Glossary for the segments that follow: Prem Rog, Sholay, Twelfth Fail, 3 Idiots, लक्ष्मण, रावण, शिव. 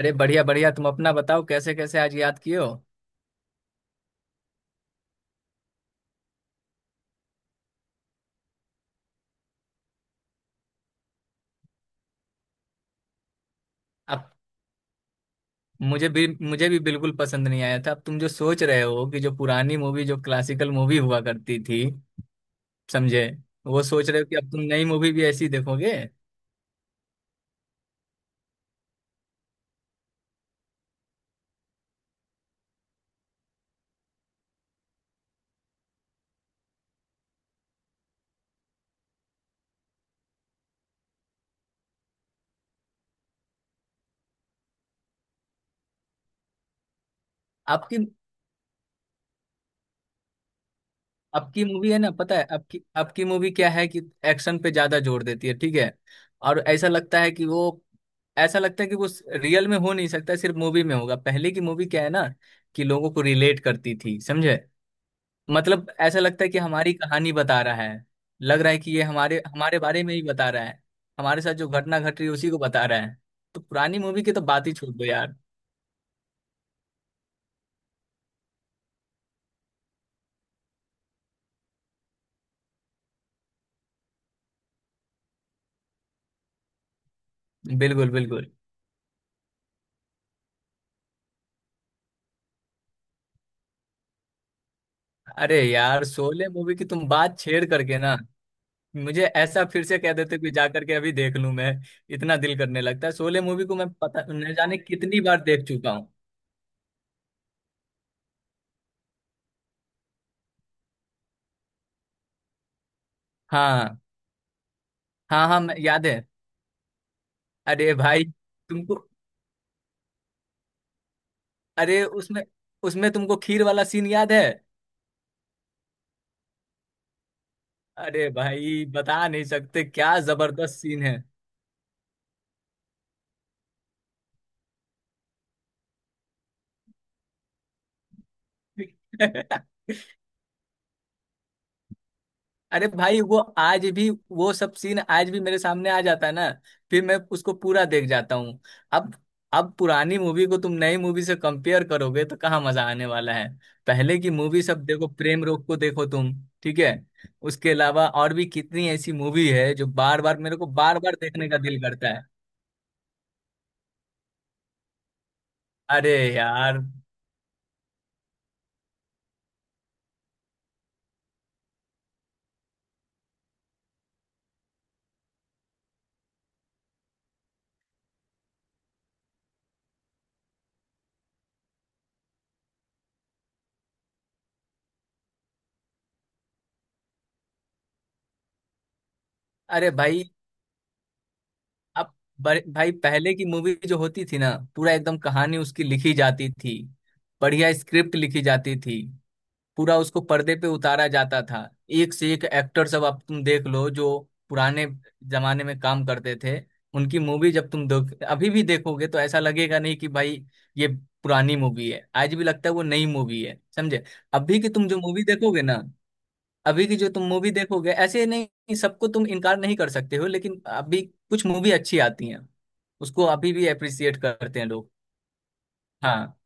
अरे बढ़िया बढ़िया। तुम अपना बताओ, कैसे कैसे आज याद किए हो? अब मुझे भी बिल्कुल पसंद नहीं आया था। अब तुम जो सोच रहे हो कि जो पुरानी मूवी, जो क्लासिकल मूवी हुआ करती थी, समझे? वो सोच रहे हो कि अब तुम नई मूवी भी ऐसी देखोगे? आपकी आपकी मूवी है ना, पता है आपकी आपकी मूवी क्या है? कि एक्शन पे ज्यादा जोर देती है, ठीक है। और ऐसा लगता है कि वो रियल में हो नहीं सकता, सिर्फ मूवी में होगा। पहले की मूवी क्या है ना, कि लोगों को रिलेट करती थी, समझे? मतलब ऐसा लगता है कि हमारी कहानी बता रहा है। लग रहा है कि ये हमारे हमारे बारे में ही बता रहा है। हमारे साथ जो घटना घट रही है उसी को बता रहा है। तो पुरानी मूवी की तो बात ही छोड़ दो यार। बिल्कुल बिल्कुल। अरे यार, शोले मूवी की तुम बात छेड़ करके ना, मुझे ऐसा फिर से कह देते कि जा करके अभी देख लूं मैं। इतना दिल करने लगता है। शोले मूवी को मैं पता न जाने कितनी बार देख चुका हूँ। हाँ हाँ हाँ, याद है। अरे भाई तुमको, अरे उसमें उसमें तुमको खीर वाला सीन याद है? अरे भाई बता नहीं सकते क्या जबरदस्त सीन है। अरे भाई वो आज भी, वो सब सीन आज भी मेरे सामने आ जाता है ना, फिर मैं उसको पूरा देख जाता हूँ। अब अब पुरानी मूवी को तुम नई मूवी से कंपेयर करोगे तो कहाँ मजा आने वाला है? पहले की मूवी सब देखो, प्रेम रोग को देखो तुम, ठीक है। उसके अलावा और भी कितनी ऐसी मूवी है जो बार बार मेरे को बार बार देखने का दिल करता है। अरे यार, अरे भाई, अब भाई, पहले की मूवी जो होती थी ना, पूरा एकदम कहानी उसकी लिखी जाती थी, बढ़िया स्क्रिप्ट लिखी जाती थी, पूरा उसको पर्दे पे उतारा जाता था। एक से एक एक्टर सब, अब तुम देख लो जो पुराने जमाने में काम करते थे, उनकी मूवी जब तुम देख, अभी भी देखोगे तो ऐसा लगेगा नहीं कि भाई ये पुरानी मूवी है, आज भी लगता है वो नई मूवी है, समझे? अभी की तुम जो मूवी देखोगे ना, अभी की जो तुम मूवी देखोगे, ऐसे नहीं सबको तुम इनकार नहीं कर सकते हो, लेकिन अभी कुछ मूवी अच्छी आती हैं, उसको अभी भी अप्रिसिएट करते हैं लोग। हाँ।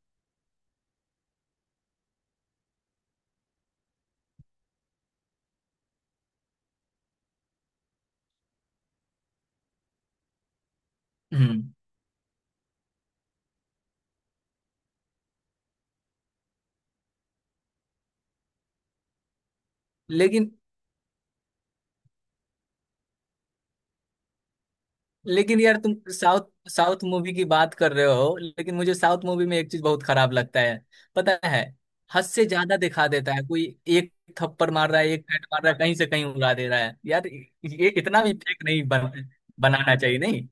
हम्म। लेकिन लेकिन यार, तुम साउथ साउथ मूवी की बात कर रहे हो, लेकिन मुझे साउथ मूवी में एक चीज बहुत खराब लगता है, पता है? हद से ज्यादा दिखा देता है। कोई एक थप्पड़ मार रहा है, एक पैट मार रहा है, कहीं से कहीं उड़ा दे रहा है, यार ये इतना भी फेक नहीं बनाना चाहिए नहीं।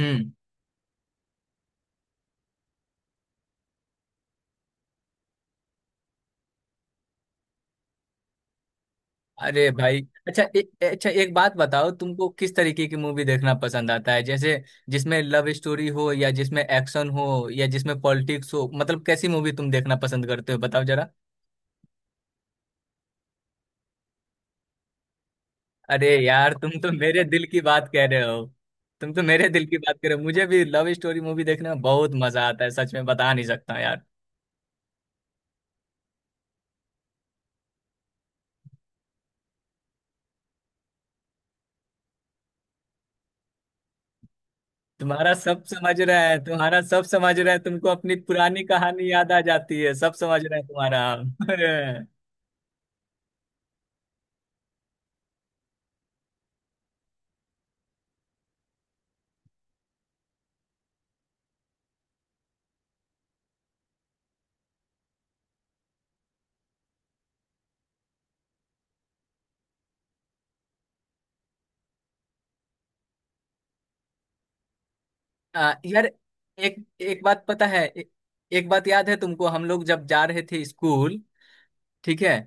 हम्म। अरे भाई, अच्छा ए, ए- अच्छा एक बात बताओ, तुमको किस तरीके की मूवी देखना पसंद आता है? जैसे जिसमें लव स्टोरी हो, या जिसमें एक्शन हो, या जिसमें पॉलिटिक्स हो, मतलब कैसी मूवी तुम देखना पसंद करते हो, बताओ जरा। अरे यार, तुम तो मेरे दिल की बात कह रहे हो। तुम तो मेरे दिल की बात कह रहे हो। मुझे भी लव स्टोरी मूवी देखने में बहुत मजा आता है, सच में बता नहीं सकता यार। तुम्हारा सब समझ रहा है, तुम्हारा सब समझ रहा है, तुमको अपनी पुरानी कहानी याद आ जाती है, सब समझ रहा है तुम्हारा। यार, एक एक बात पता है, एक बात याद है तुमको? हम लोग जब जा रहे थे स्कूल, ठीक है?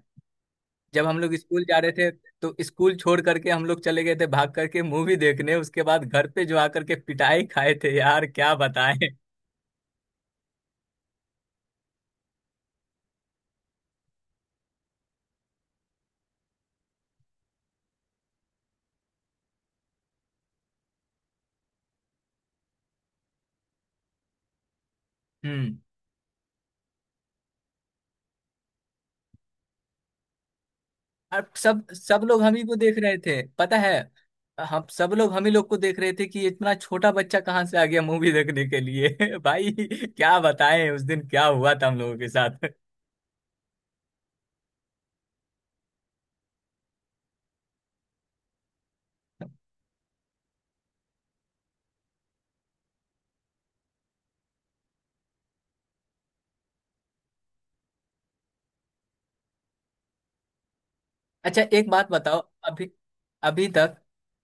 जब हम लोग स्कूल जा रहे थे, तो स्कूल छोड़ करके हम लोग चले गए थे भाग करके मूवी देखने, उसके बाद घर पे जो आकर के पिटाई खाए थे यार, क्या बताएं। हम्म। और सब सब लोग हम ही को देख रहे थे पता है? हम, सब लोग हम ही लोग को देख रहे थे कि इतना छोटा बच्चा कहाँ से आ गया मूवी देखने के लिए, भाई क्या बताएं उस दिन क्या हुआ था हम लोगों के साथ। अच्छा एक बात बताओ, अभी अभी तक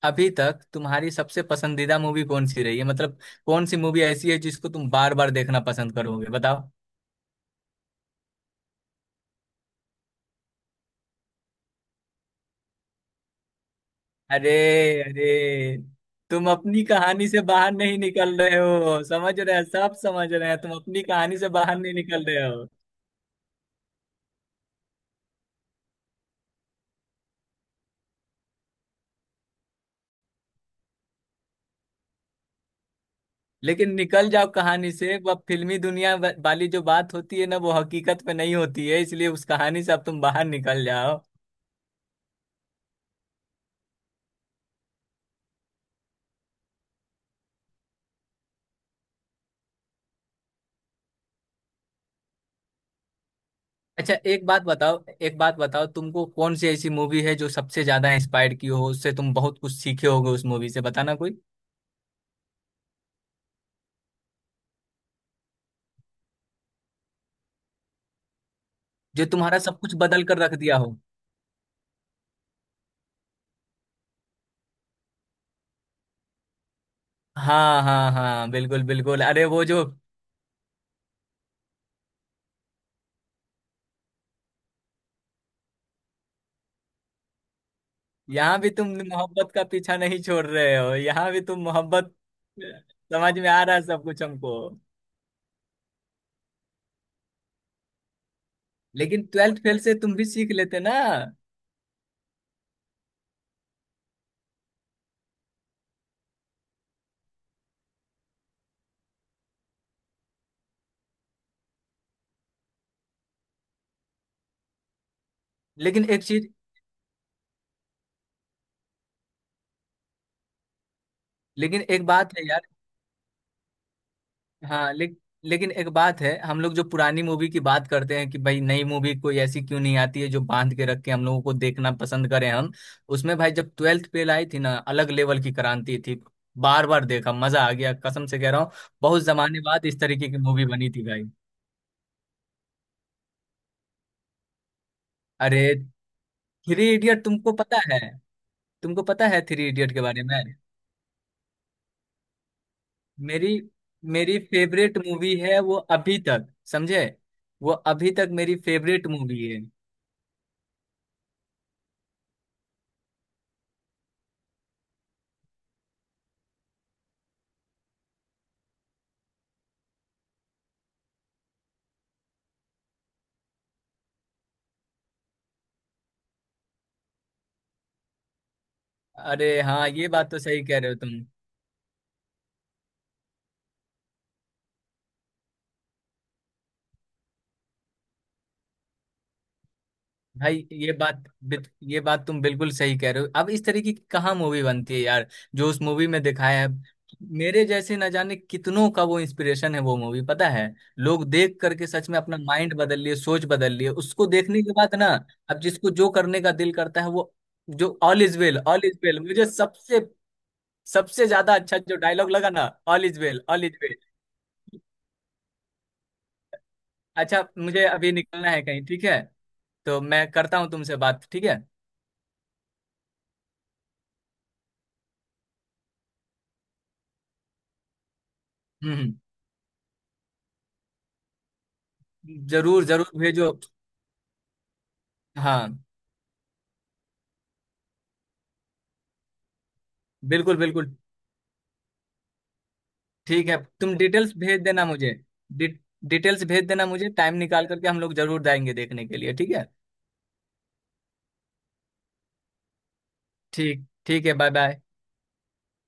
अभी तक तुम्हारी सबसे पसंदीदा मूवी कौन सी रही है, मतलब कौन सी मूवी ऐसी है जिसको तुम बार बार देखना पसंद करोगे, बताओ? अरे, अरे, तुम अपनी कहानी से बाहर नहीं निकल रहे हो, समझ रहे हैं, सब समझ रहे हैं, तुम अपनी कहानी से बाहर नहीं निकल रहे हो। लेकिन निकल जाओ कहानी से, वह फिल्मी दुनिया वाली जो बात होती है ना, वो हकीकत पे नहीं होती है, इसलिए उस कहानी से अब तुम बाहर निकल जाओ। अच्छा एक बात बताओ, एक बात बताओ, तुमको कौन सी ऐसी मूवी है जो सबसे ज्यादा इंस्पायर की हो, उससे तुम बहुत कुछ सीखे होगे, उस मूवी से बताना, कोई जो तुम्हारा सब कुछ बदल कर रख दिया हो। हाँ हाँ हाँ, बिल्कुल बिल्कुल। अरे वो जो, यहाँ भी तुम मोहब्बत का पीछा नहीं छोड़ रहे हो, यहाँ भी तुम मोहब्बत। समझ में आ रहा है सब कुछ हमको। लेकिन ट्वेल्थ फेल से तुम भी सीख लेते ना। लेकिन एक चीज, लेकिन एक बात है यार, हाँ ले, लेकिन एक बात है, हम लोग जो पुरानी मूवी की बात करते हैं कि भाई नई मूवी कोई ऐसी क्यों नहीं आती है जो बांध के रख के हम लोगों को देखना पसंद करें हम, उसमें भाई जब ट्वेल्थ फेल आई थी ना, अलग लेवल की क्रांति थी। बार बार देखा, मजा आ गया, कसम से कह रहा हूँ। बहुत जमाने बाद इस तरीके की मूवी बनी थी भाई। अरे, थ्री इडियट तुमको पता है? तुमको पता है थ्री इडियट के बारे में? मेरी मेरी फेवरेट मूवी है वो अभी तक, समझे? वो अभी तक मेरी फेवरेट मूवी है। अरे हाँ, ये बात तो सही कह रहे हो तुम। भाई ये बात ये बात तुम बिल्कुल सही कह रहे हो, अब इस तरीके की कहाँ मूवी बनती है यार, जो उस मूवी में दिखाया है। मेरे जैसे न जाने कितनों का वो इंस्पिरेशन है वो मूवी, पता है? लोग देख करके सच में अपना माइंड बदल लिए, सोच बदल लिए उसको देखने के बाद ना। अब जिसको जो करने का दिल करता है वो, जो all is well all is well, मुझे सबसे सबसे ज्यादा अच्छा जो डायलॉग लगा ना, all is well all is well. अच्छा मुझे अभी निकलना है कहीं, ठीक है? तो मैं करता हूँ तुमसे बात, ठीक है। हम्म। जरूर जरूर भेजो। हाँ। बिल्कुल बिल्कुल। ठीक है, तुम डिटेल्स भेज देना मुझे, डि, डिटेल्स भेज देना मुझे, टाइम निकाल करके हम लोग जरूर जाएंगे देखने के लिए, ठीक है? ठीक ठीक है, बाय। बाय।